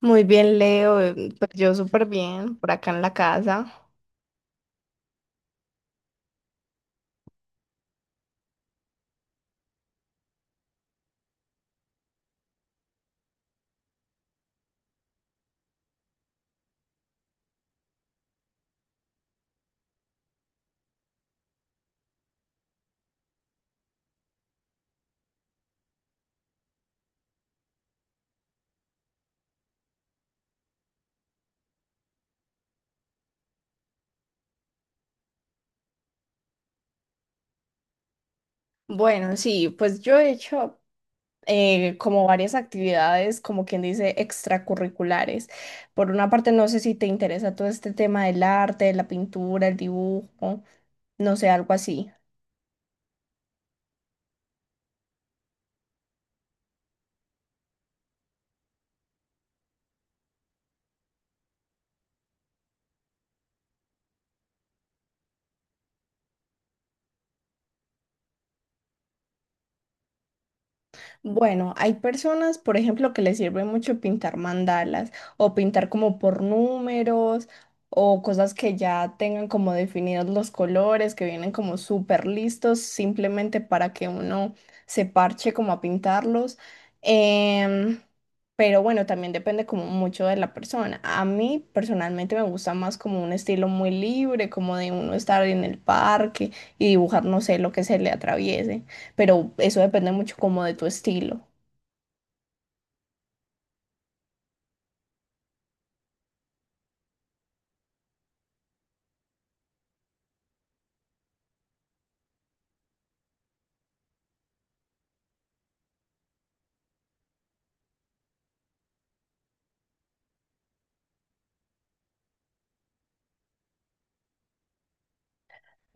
Muy bien, Leo. Pues yo súper bien por acá en la casa. Bueno, sí, pues yo he hecho como varias actividades, como quien dice, extracurriculares. Por una parte, no sé si te interesa todo este tema del arte, de la pintura, el dibujo, no sé, algo así. Bueno, hay personas, por ejemplo, que les sirve mucho pintar mandalas o pintar como por números o cosas que ya tengan como definidos los colores, que vienen como súper listos simplemente para que uno se parche como a pintarlos. Em, pero bueno, también depende como mucho de la persona. A mí personalmente me gusta más como un estilo muy libre, como de uno estar en el parque y dibujar, no sé, lo que se le atraviese, pero eso depende mucho como de tu estilo.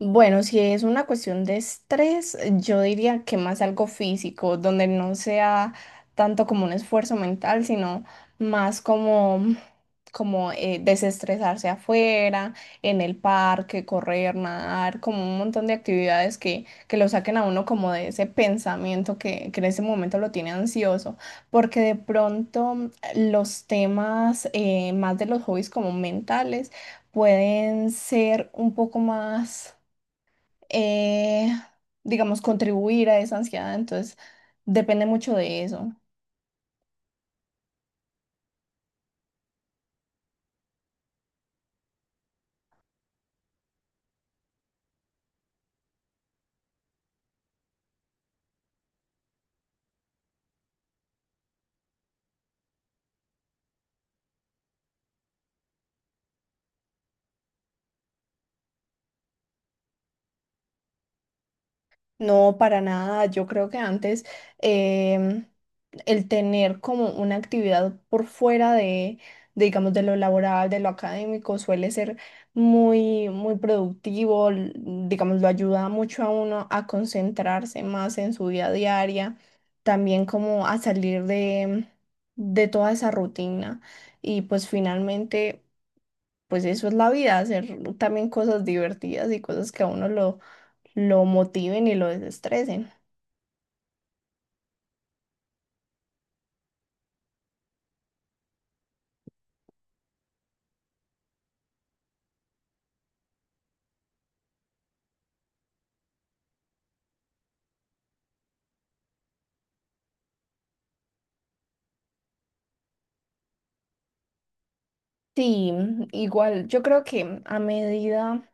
Bueno, si es una cuestión de estrés, yo diría que más algo físico, donde no sea tanto como un esfuerzo mental, sino más como desestresarse afuera, en el parque, correr, nadar, como un montón de actividades que lo saquen a uno como de ese pensamiento que en ese momento lo tiene ansioso, porque de pronto los temas más de los hobbies como mentales pueden ser un poco más, eh, digamos, contribuir a esa ansiedad, entonces depende mucho de eso. No, para nada. Yo creo que antes em, el tener como una actividad por fuera de digamos, de lo laboral, de lo académico, suele ser muy, muy productivo. Digamos, lo ayuda mucho a uno a concentrarse más en su vida diaria, también como a salir de de toda esa rutina. Y pues finalmente, pues eso es la vida, hacer también cosas divertidas y cosas que a uno lo motiven y lo desestresen. Sí, mm, igual yo creo que a medida,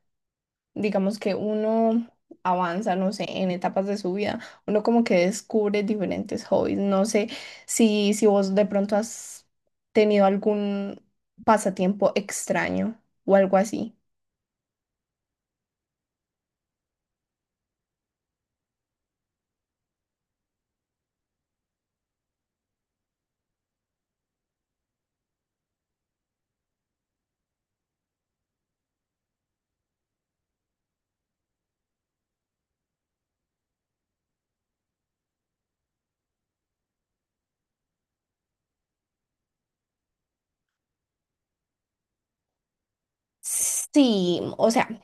digamos que uno avanza, no sé, en etapas de su vida, uno como que descubre diferentes hobbies. No sé si vos de pronto has tenido algún pasatiempo extraño o algo así. Sí, o sea,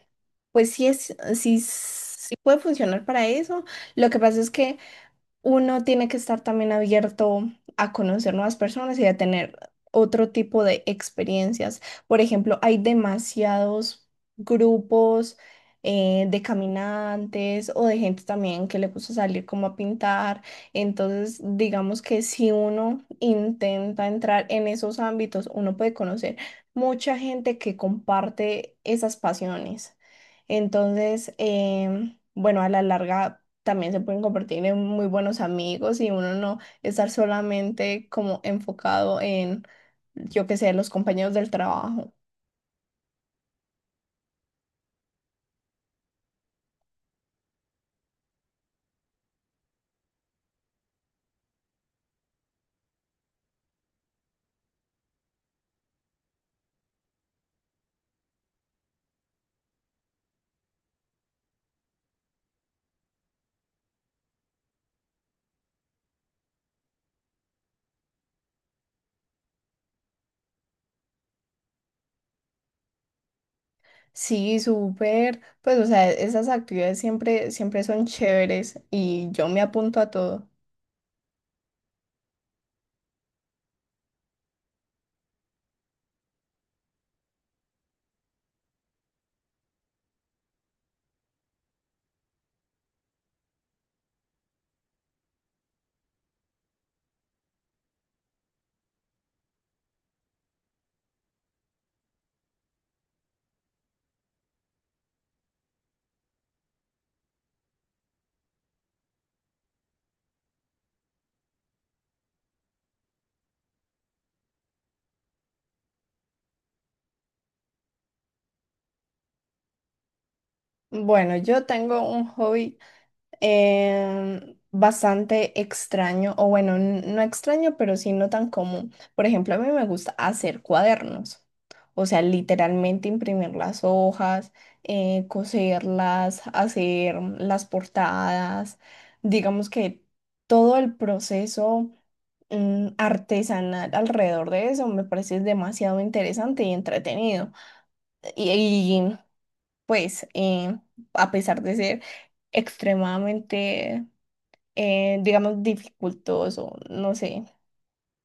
pues sí puede funcionar para eso. Lo que pasa es que uno tiene que estar también abierto a conocer nuevas personas y a tener otro tipo de experiencias. Por ejemplo, hay demasiados grupos de caminantes o de gente también que le gusta salir como a pintar. Entonces, digamos que si uno intenta entrar en esos ámbitos, uno puede conocer mucha gente que comparte esas pasiones. Entonces, bueno, a la larga también se pueden convertir en muy buenos amigos y uno no estar solamente como enfocado en, yo qué sé, los compañeros del trabajo. Sí, súper. Pues, o sea, esas actividades siempre, siempre son chéveres y yo me apunto a todo. Bueno, yo tengo un hobby bastante extraño, o bueno, no extraño, pero sí no tan común. Por ejemplo, a mí me gusta hacer cuadernos, o sea, literalmente imprimir las hojas, coserlas, hacer las portadas, digamos que todo el proceso mm, artesanal alrededor de eso me parece demasiado interesante y entretenido. Y, y, pues, a pesar de ser extremadamente digamos, dificultoso, no sé.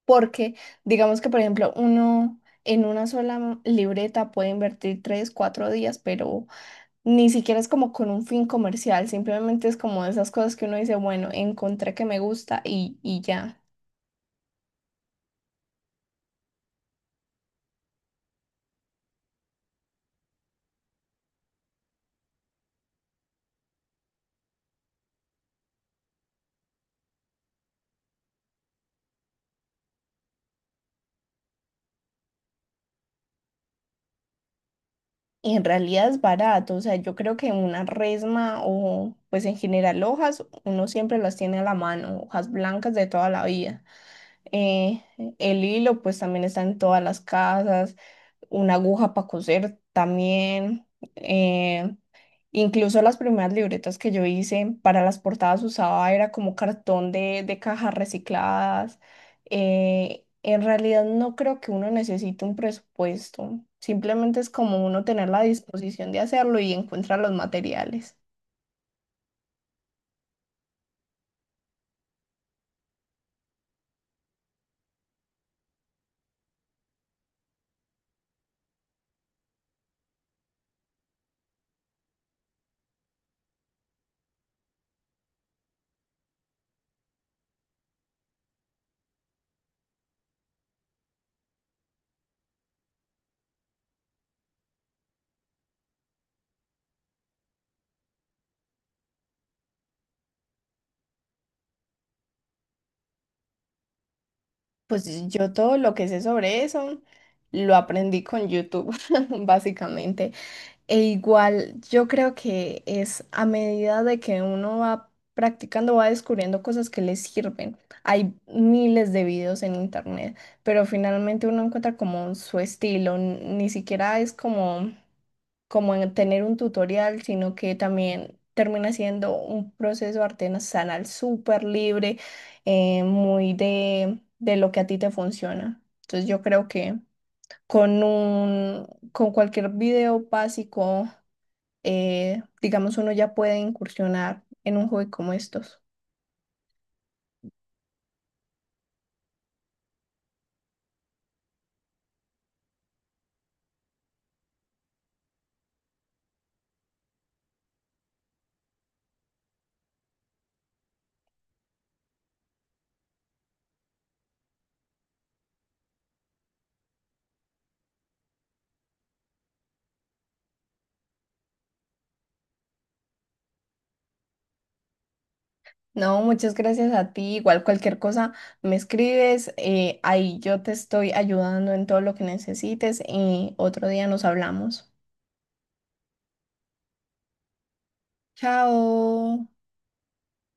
Porque, digamos que, por ejemplo, uno en una sola libreta puede invertir tres, cuatro días, pero ni siquiera es como con un fin comercial, simplemente es como de esas cosas que uno dice, bueno, encontré que me gusta y ya. Y en realidad es barato, o sea, yo creo que una resma o pues en general hojas, uno siempre las tiene a la mano, hojas blancas de toda la vida. Eh, el hilo pues también está en todas las casas. Una aguja para coser también. eh, Incluso las primeras libretas que yo hice para las portadas usaba era como cartón de de cajas recicladas. En realidad no creo que uno necesite un presupuesto. Simplemente es como uno tener la disposición de hacerlo y encuentra los materiales. Pues yo todo lo que sé sobre eso lo aprendí con YouTube, básicamente. E igual, yo creo que es a medida de que uno va practicando, va descubriendo cosas que le sirven. Hay miles de videos en internet, pero finalmente uno encuentra como su estilo. Ni siquiera es como, como en tener un tutorial, sino que también termina siendo un proceso artesanal súper libre, muy de de lo que a ti te funciona. Entonces yo creo que con un, con cualquier video básico digamos, uno ya puede incursionar en un hobby como estos. No, muchas gracias a ti. Igual cualquier cosa me escribes, ahí yo te estoy ayudando en todo lo que necesites y otro día nos hablamos. Chao.